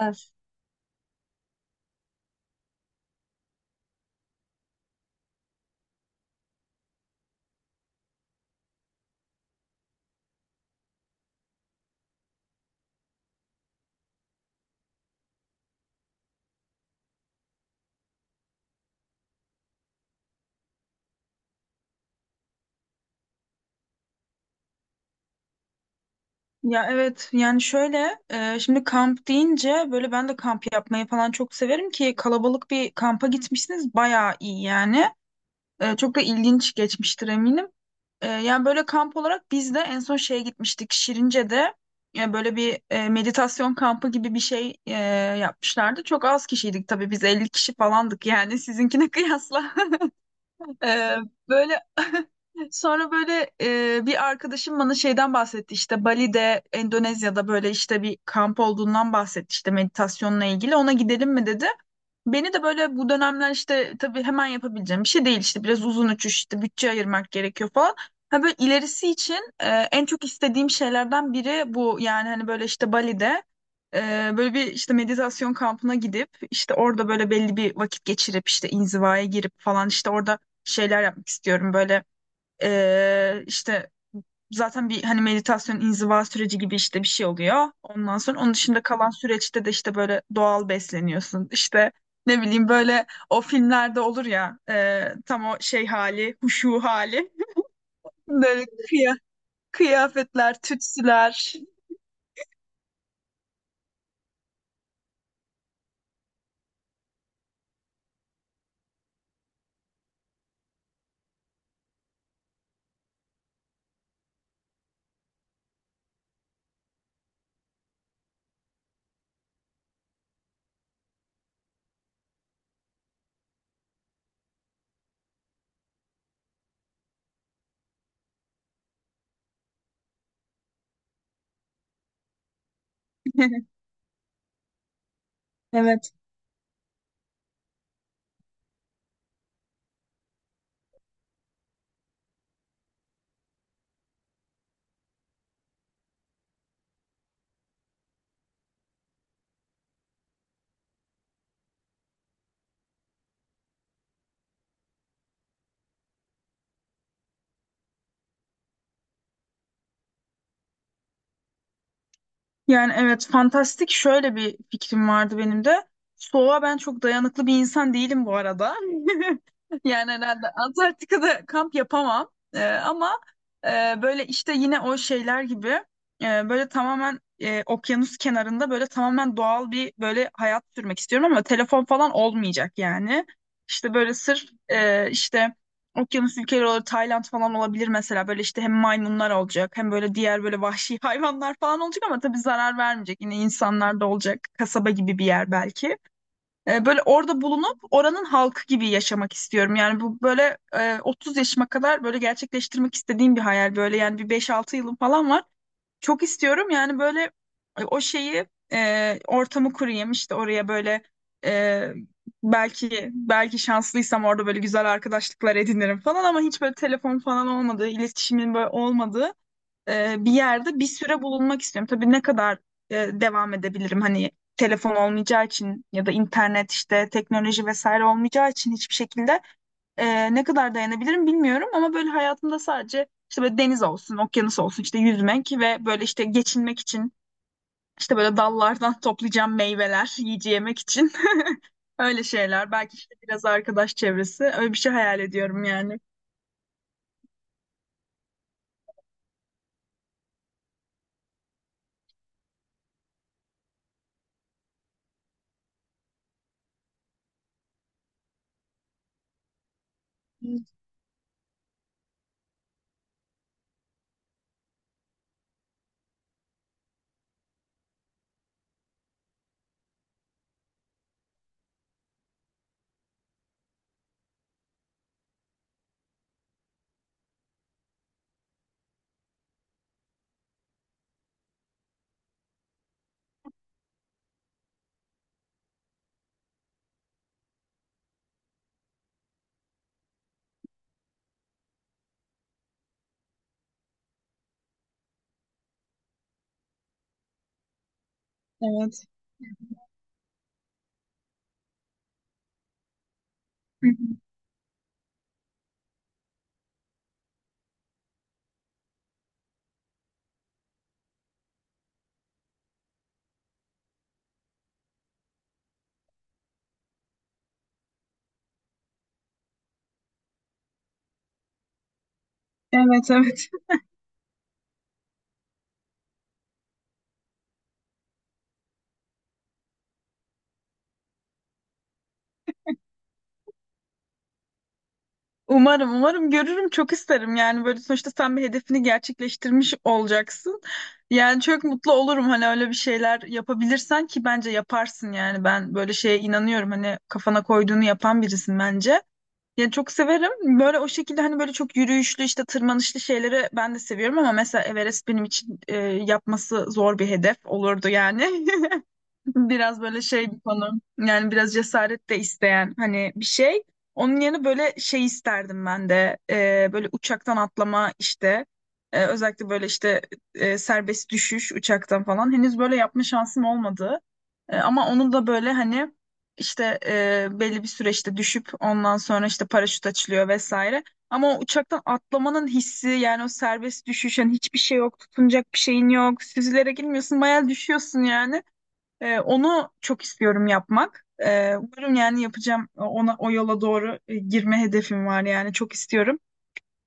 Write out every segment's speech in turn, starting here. Evet. Ya, evet, yani şöyle şimdi kamp deyince böyle ben de kamp yapmayı falan çok severim ki kalabalık bir kampa gitmişsiniz bayağı iyi yani. Çok da ilginç geçmiştir eminim. Yani böyle kamp olarak biz de en son şeye gitmiştik Şirince'de, böyle bir meditasyon kampı gibi bir şey yapmışlardı. Çok az kişiydik tabii biz 50 kişi falandık yani sizinkine kıyasla. Ee, Böyle sonra böyle bir arkadaşım bana şeyden bahsetti işte Bali'de, Endonezya'da böyle işte bir kamp olduğundan bahsetti işte meditasyonla ilgili, ona gidelim mi dedi. Beni de böyle bu dönemler işte tabii hemen yapabileceğim bir şey değil, işte biraz uzun uçuş, işte bütçe ayırmak gerekiyor falan. Ha, böyle ilerisi için en çok istediğim şeylerden biri bu yani, hani böyle işte Bali'de e, böyle bir işte meditasyon kampına gidip işte orada böyle belli bir vakit geçirip işte inzivaya girip falan, işte orada şeyler yapmak istiyorum böyle, işte. Zaten bir hani meditasyon inziva süreci gibi işte bir şey oluyor. Ondan sonra onun dışında kalan süreçte de işte böyle doğal besleniyorsun. İşte ne bileyim, böyle o filmlerde olur ya, tam o şey hali, huşu hali. Böyle kıya- kıyafetler, tütsüler. Evet. Yani evet, fantastik şöyle bir fikrim vardı benim de. Soğuğa ben çok dayanıklı bir insan değilim bu arada. Yani herhalde Antarktika'da kamp yapamam. Ama böyle işte yine o şeyler gibi böyle tamamen okyanus kenarında böyle tamamen doğal bir böyle hayat sürmek istiyorum ama telefon falan olmayacak yani. İşte böyle sırf işte. Okyanus ülkeleri olur, Tayland falan olabilir mesela. Böyle işte hem maymunlar olacak, hem böyle diğer böyle vahşi hayvanlar falan olacak ama tabii zarar vermeyecek. Yine insanlar da olacak. Kasaba gibi bir yer belki. Böyle orada bulunup oranın halkı gibi yaşamak istiyorum. Yani bu böyle 30 yaşıma kadar böyle gerçekleştirmek istediğim bir hayal. Böyle yani bir 5-6 yılım falan var. Çok istiyorum yani böyle, o şeyi, ortamı kurayım işte oraya böyle, e, belki şanslıysam orada böyle güzel arkadaşlıklar edinirim falan ama hiç böyle telefon falan olmadığı, iletişimin böyle olmadığı bir yerde bir süre bulunmak istiyorum. Tabii ne kadar devam edebilirim, hani telefon olmayacağı için ya da internet, işte teknoloji vesaire olmayacağı için hiçbir şekilde ne kadar dayanabilirim bilmiyorum ama böyle hayatımda sadece işte böyle deniz olsun, okyanus olsun, işte yüzmek ve böyle işte geçinmek için işte böyle dallardan toplayacağım meyveler, yiyece yemek için öyle şeyler. Belki işte biraz arkadaş çevresi. Öyle bir şey hayal ediyorum yani. Evet. Hı hı. Evet, evet. Umarım, umarım görürüm. Çok isterim yani böyle, sonuçta sen bir hedefini gerçekleştirmiş olacaksın. Yani çok mutlu olurum hani öyle bir şeyler yapabilirsen, ki bence yaparsın yani, ben böyle şeye inanıyorum hani kafana koyduğunu yapan birisin bence. Yani çok severim. Böyle o şekilde hani böyle çok yürüyüşlü işte tırmanışlı şeyleri ben de seviyorum ama mesela Everest benim için yapması zor bir hedef olurdu yani. Biraz böyle şey bir konu. Yani biraz cesaret de isteyen hani bir şey. Onun yerine böyle şey isterdim ben de. Böyle uçaktan atlama işte. Özellikle böyle işte serbest düşüş uçaktan falan. Henüz böyle yapma şansım olmadı. Ama onu da böyle hani işte belli bir süreçte düşüp ondan sonra işte paraşüt açılıyor vesaire. Ama o uçaktan atlamanın hissi, yani o serbest düşüş, hani hiçbir şey yok, tutunacak bir şeyin yok, süzülerek girmiyorsun, bayağı düşüyorsun yani. Onu çok istiyorum yapmak. Umarım yani yapacağım, ona o yola doğru girme hedefim var yani, çok istiyorum.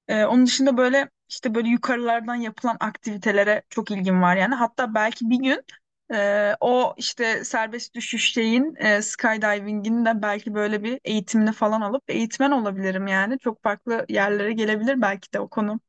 Onun dışında böyle işte böyle yukarılardan yapılan aktivitelere çok ilgim var yani. Hatta belki bir gün o işte serbest düşüş şeyin, skydiving'in de belki böyle bir eğitimini falan alıp eğitmen olabilirim yani. Çok farklı yerlere gelebilir belki de o konu.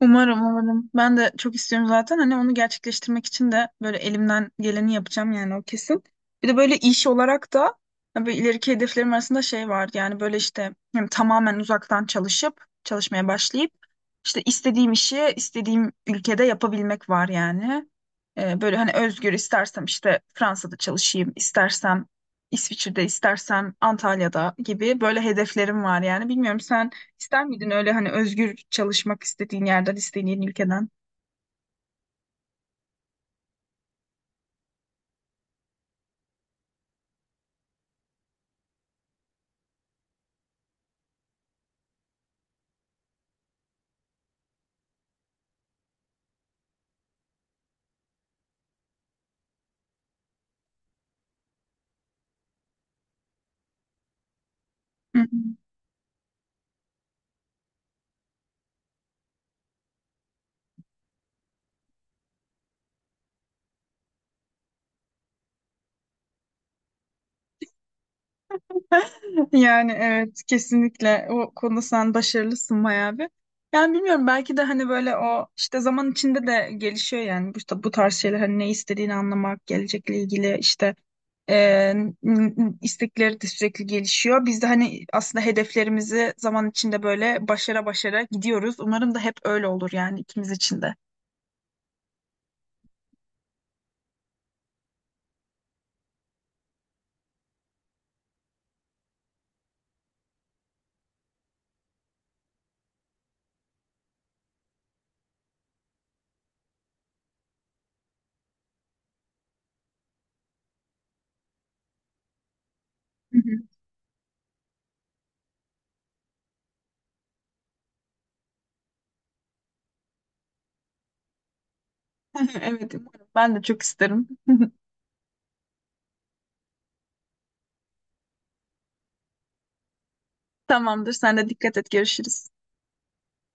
Umarım, umarım. Ben de çok istiyorum zaten. Hani onu gerçekleştirmek için de böyle elimden geleni yapacağım yani, o kesin. Bir de böyle iş olarak da hani böyle ileriki hedeflerim arasında şey var. Yani böyle işte hem tamamen uzaktan çalışıp, çalışmaya başlayıp işte istediğim işi istediğim ülkede yapabilmek var yani. Böyle hani özgür, istersem işte Fransa'da çalışayım, istersem İsviçre'de, istersem Antalya'da gibi böyle hedeflerim var yani. Bilmiyorum, sen İster miydin öyle hani özgür çalışmak, istediğin yerden, istediğin ülkeden? Yani evet, kesinlikle o konuda sen başarılısın bayağı bir. Yani bilmiyorum, belki de hani böyle o işte zaman içinde de gelişiyor yani bu, işte bu tarz şeyler, hani ne istediğini anlamak, gelecekle ilgili işte Ee, istekleri de sürekli gelişiyor. Biz de hani aslında hedeflerimizi zaman içinde böyle başara başara gidiyoruz. Umarım da hep öyle olur yani ikimiz için de. Hı hı. Evet, umarım. Ben de çok isterim. Tamamdır. Sen de dikkat et. Görüşürüz.